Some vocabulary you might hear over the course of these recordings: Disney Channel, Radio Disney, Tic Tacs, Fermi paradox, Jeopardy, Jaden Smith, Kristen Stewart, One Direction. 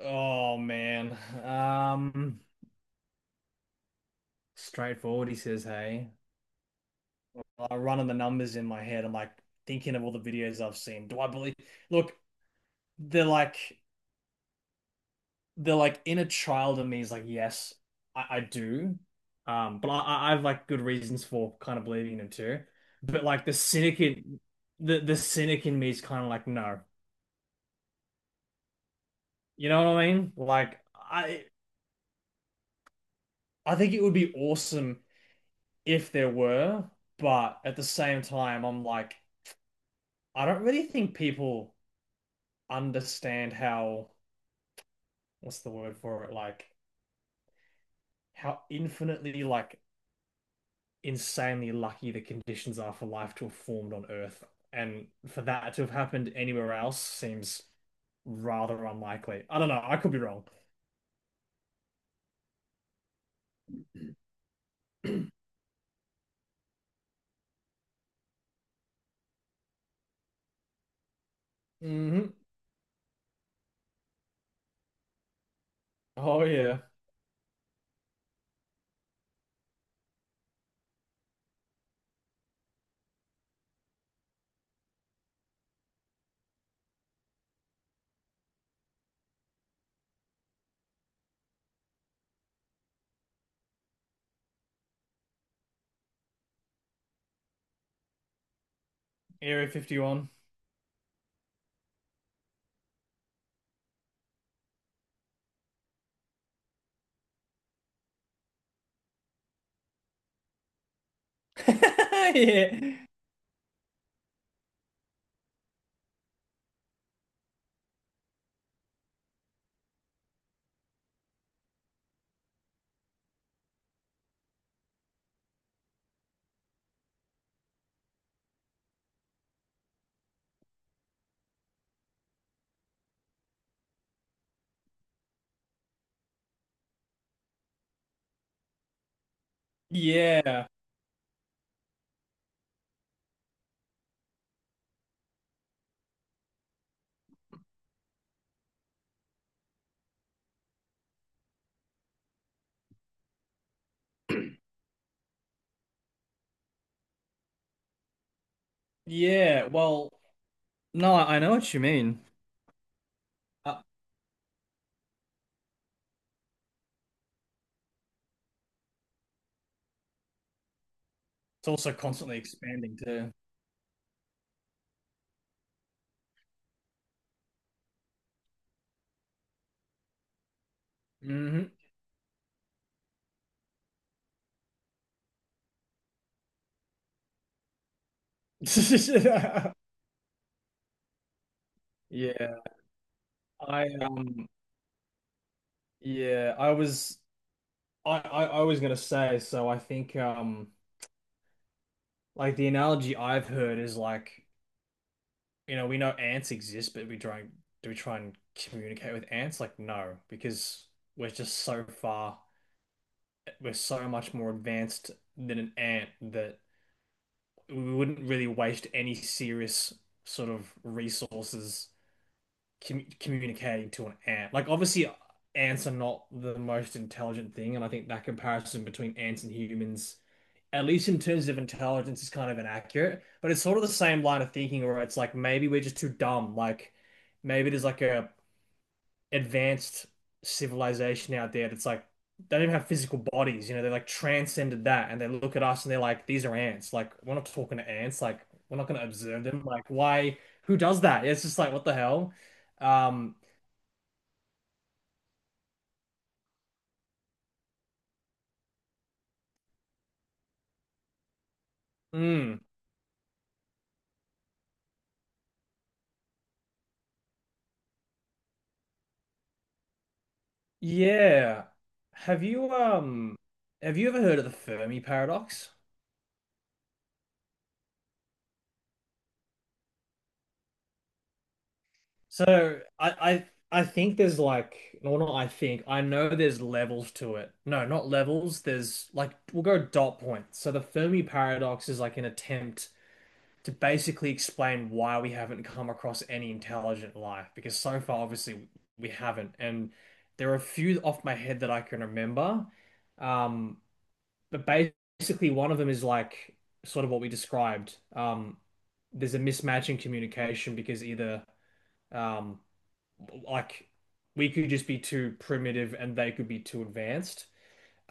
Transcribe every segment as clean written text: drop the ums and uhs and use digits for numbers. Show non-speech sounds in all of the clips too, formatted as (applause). Oh man. Um, straightforward, he says, hey. I'm running the numbers in my head. I'm like thinking of all the videos I've seen. Do I believe? Look, they're like they're like inner child in me is like, yes, I do. But I've like good reasons for kind of believing them too. But like the cynic in me is kind of like, no. You know what I mean? Like I think it would be awesome if there were, but at the same time, I'm like I don't really think people understand how, what's the word for it? Like how infinitely, like insanely lucky the conditions are for life to have formed on Earth. And for that to have happened anywhere else seems rather unlikely. I don't know. I could be wrong. Hmm. Oh yeah. Area 51. (laughs) Yeah. Yeah. Yeah. Well, no, I know what you mean. Uh, it's also constantly expanding too. Hmm. (laughs) Yeah, I yeah, I was gonna say, so I think like the analogy I've heard is like, you know, we know ants exist, but we try and do we try and communicate with ants? Like no, because we're just so far, we're so much more advanced than an ant that we wouldn't really waste any serious sort of resources communicating to an ant. Like obviously ants are not the most intelligent thing, and I think that comparison between ants and humans, at least in terms of intelligence, is kind of inaccurate. But it's sort of the same line of thinking where it's like maybe we're just too dumb. Like maybe there's like a advanced civilization out there that's like they don't even have physical bodies, you know, they like transcended that and they look at us and they're like, these are ants. Like we're not talking to ants, like we're not gonna observe them. Like why who does that? It's just like what the hell? Um Mm, yeah. Have you um have you ever heard of the Fermi paradox? So I think there's like, well, not, I think, I know there's levels to it. No, not levels. There's like we'll go dot points. So the Fermi paradox is like an attempt to basically explain why we haven't come across any intelligent life because so far obviously we haven't. And there are a few off my head that I can remember. Um, but basically one of them is like sort of what we described. There's a mismatch in communication because either um, like we could just be too primitive and they could be too advanced.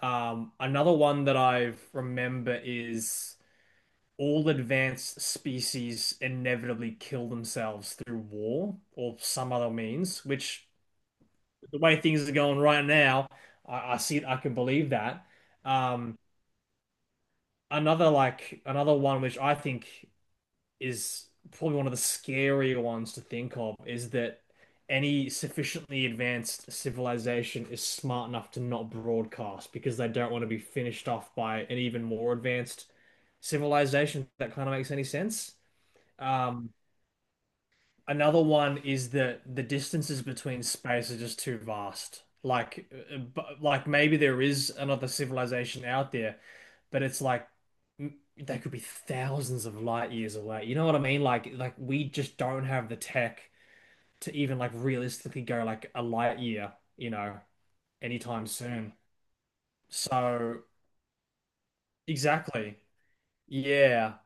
Another one that I remember is all advanced species inevitably kill themselves through war or some other means, which the way things are going right now, I see it, I can believe that. Um, another one which I think is probably one of the scarier ones to think of is that any sufficiently advanced civilization is smart enough to not broadcast because they don't want to be finished off by an even more advanced civilization. If that kind of makes any sense. Um, Another one is that the distances between space are just too vast. Like, like maybe there is another civilization out there, but it's like they could be thousands of light years away. You know what I mean? Like we just don't have the tech to even like realistically go like a light year, you know, anytime soon. So exactly, yeah.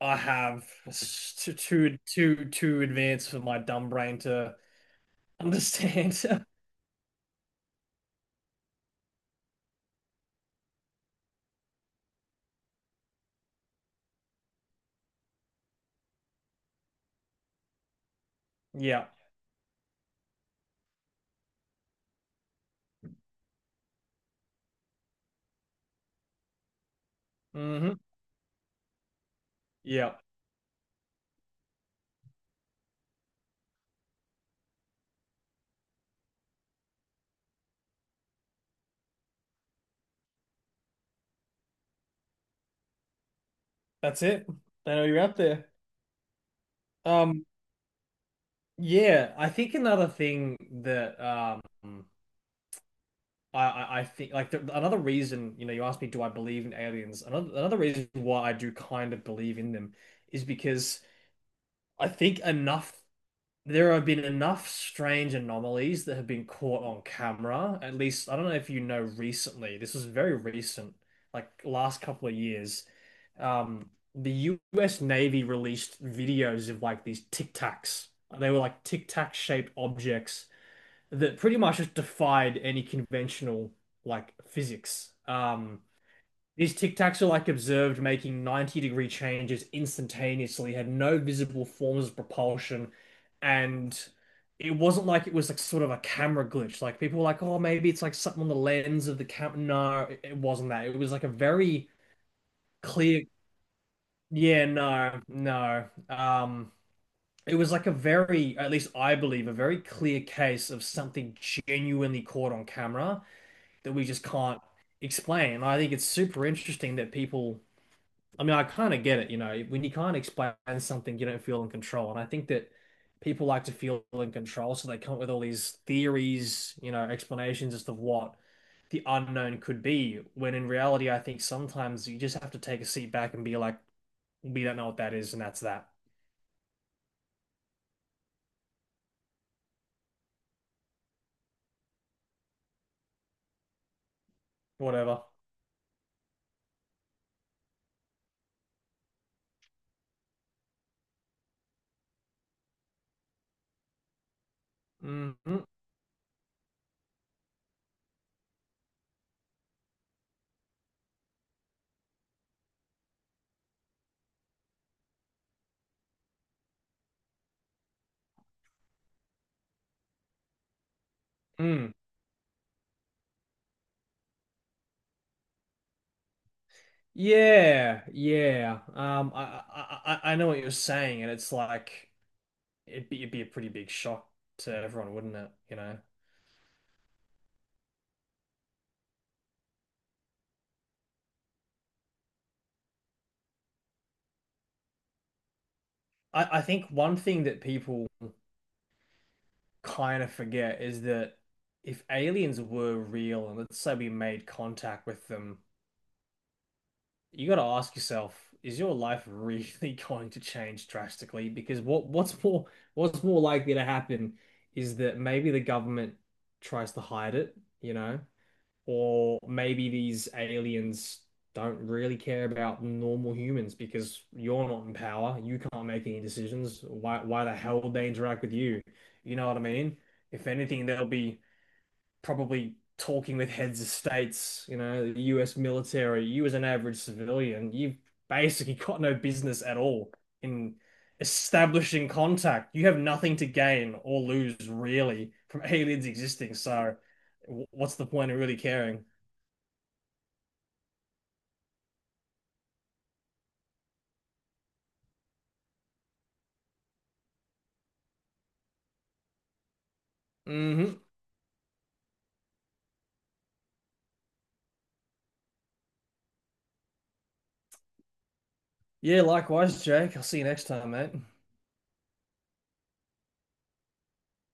I have s- too too too too advanced for my dumb brain to understand. (laughs) Yeah. Hmm. Yeah. That's it. I know you're out there. Um, yeah, I think another thing that I think another reason, you know, you asked me, do I believe in aliens? Another reason why I do kind of believe in them is because I think enough There have been enough strange anomalies that have been caught on camera. At least, I don't know if you know recently, this was very recent, like last couple of years. Um, the US Navy released videos of like these Tic Tacs. They were like Tic Tac shaped objects that pretty much just defied any conventional like physics. These Tic Tacs are like observed making 90-degree changes instantaneously, had no visible forms of propulsion, and it wasn't like it was like sort of a camera glitch. Like people were like, oh, maybe it's like something on the lens of the camera. No, it wasn't that. It was like a very clear. Yeah, no, no. It was like a very, at least I believe, a very clear case of something genuinely caught on camera that we just can't explain. And I think it's super interesting that people I mean, I kind of get it, you know, when you can't explain something, you don't feel in control. And I think that people like to feel in control, so they come up with all these theories, you know, explanations as to what the unknown could be, when in reality, I think sometimes you just have to take a seat back and be like, we don't know what that is, and that's that. Whatever. Mm, mm, mm. Yeah, yeah. I know what you're saying, and it's like it'd be a pretty big shock to everyone, wouldn't it? You know. I think one thing that people kind of forget is that if aliens were real, and let's say we made contact with them, you got to ask yourself, is your life (laughs) really going to change drastically? Because what's more likely to happen is that maybe the government tries to hide it, you know? Or maybe these aliens don't really care about normal humans because you're not in power. You can't make any decisions. Why the hell would they interact with you? You know what I mean? If anything, they'll be probably talking with heads of states, you know, the US military. You as an average civilian, you've basically (laughs) got no business at all in establishing contact. You have nothing to gain or lose really from (laughs) aliens existing. So, what's the point of really caring? Hmm. Yeah, likewise, Jake. I'll see you next time, mate.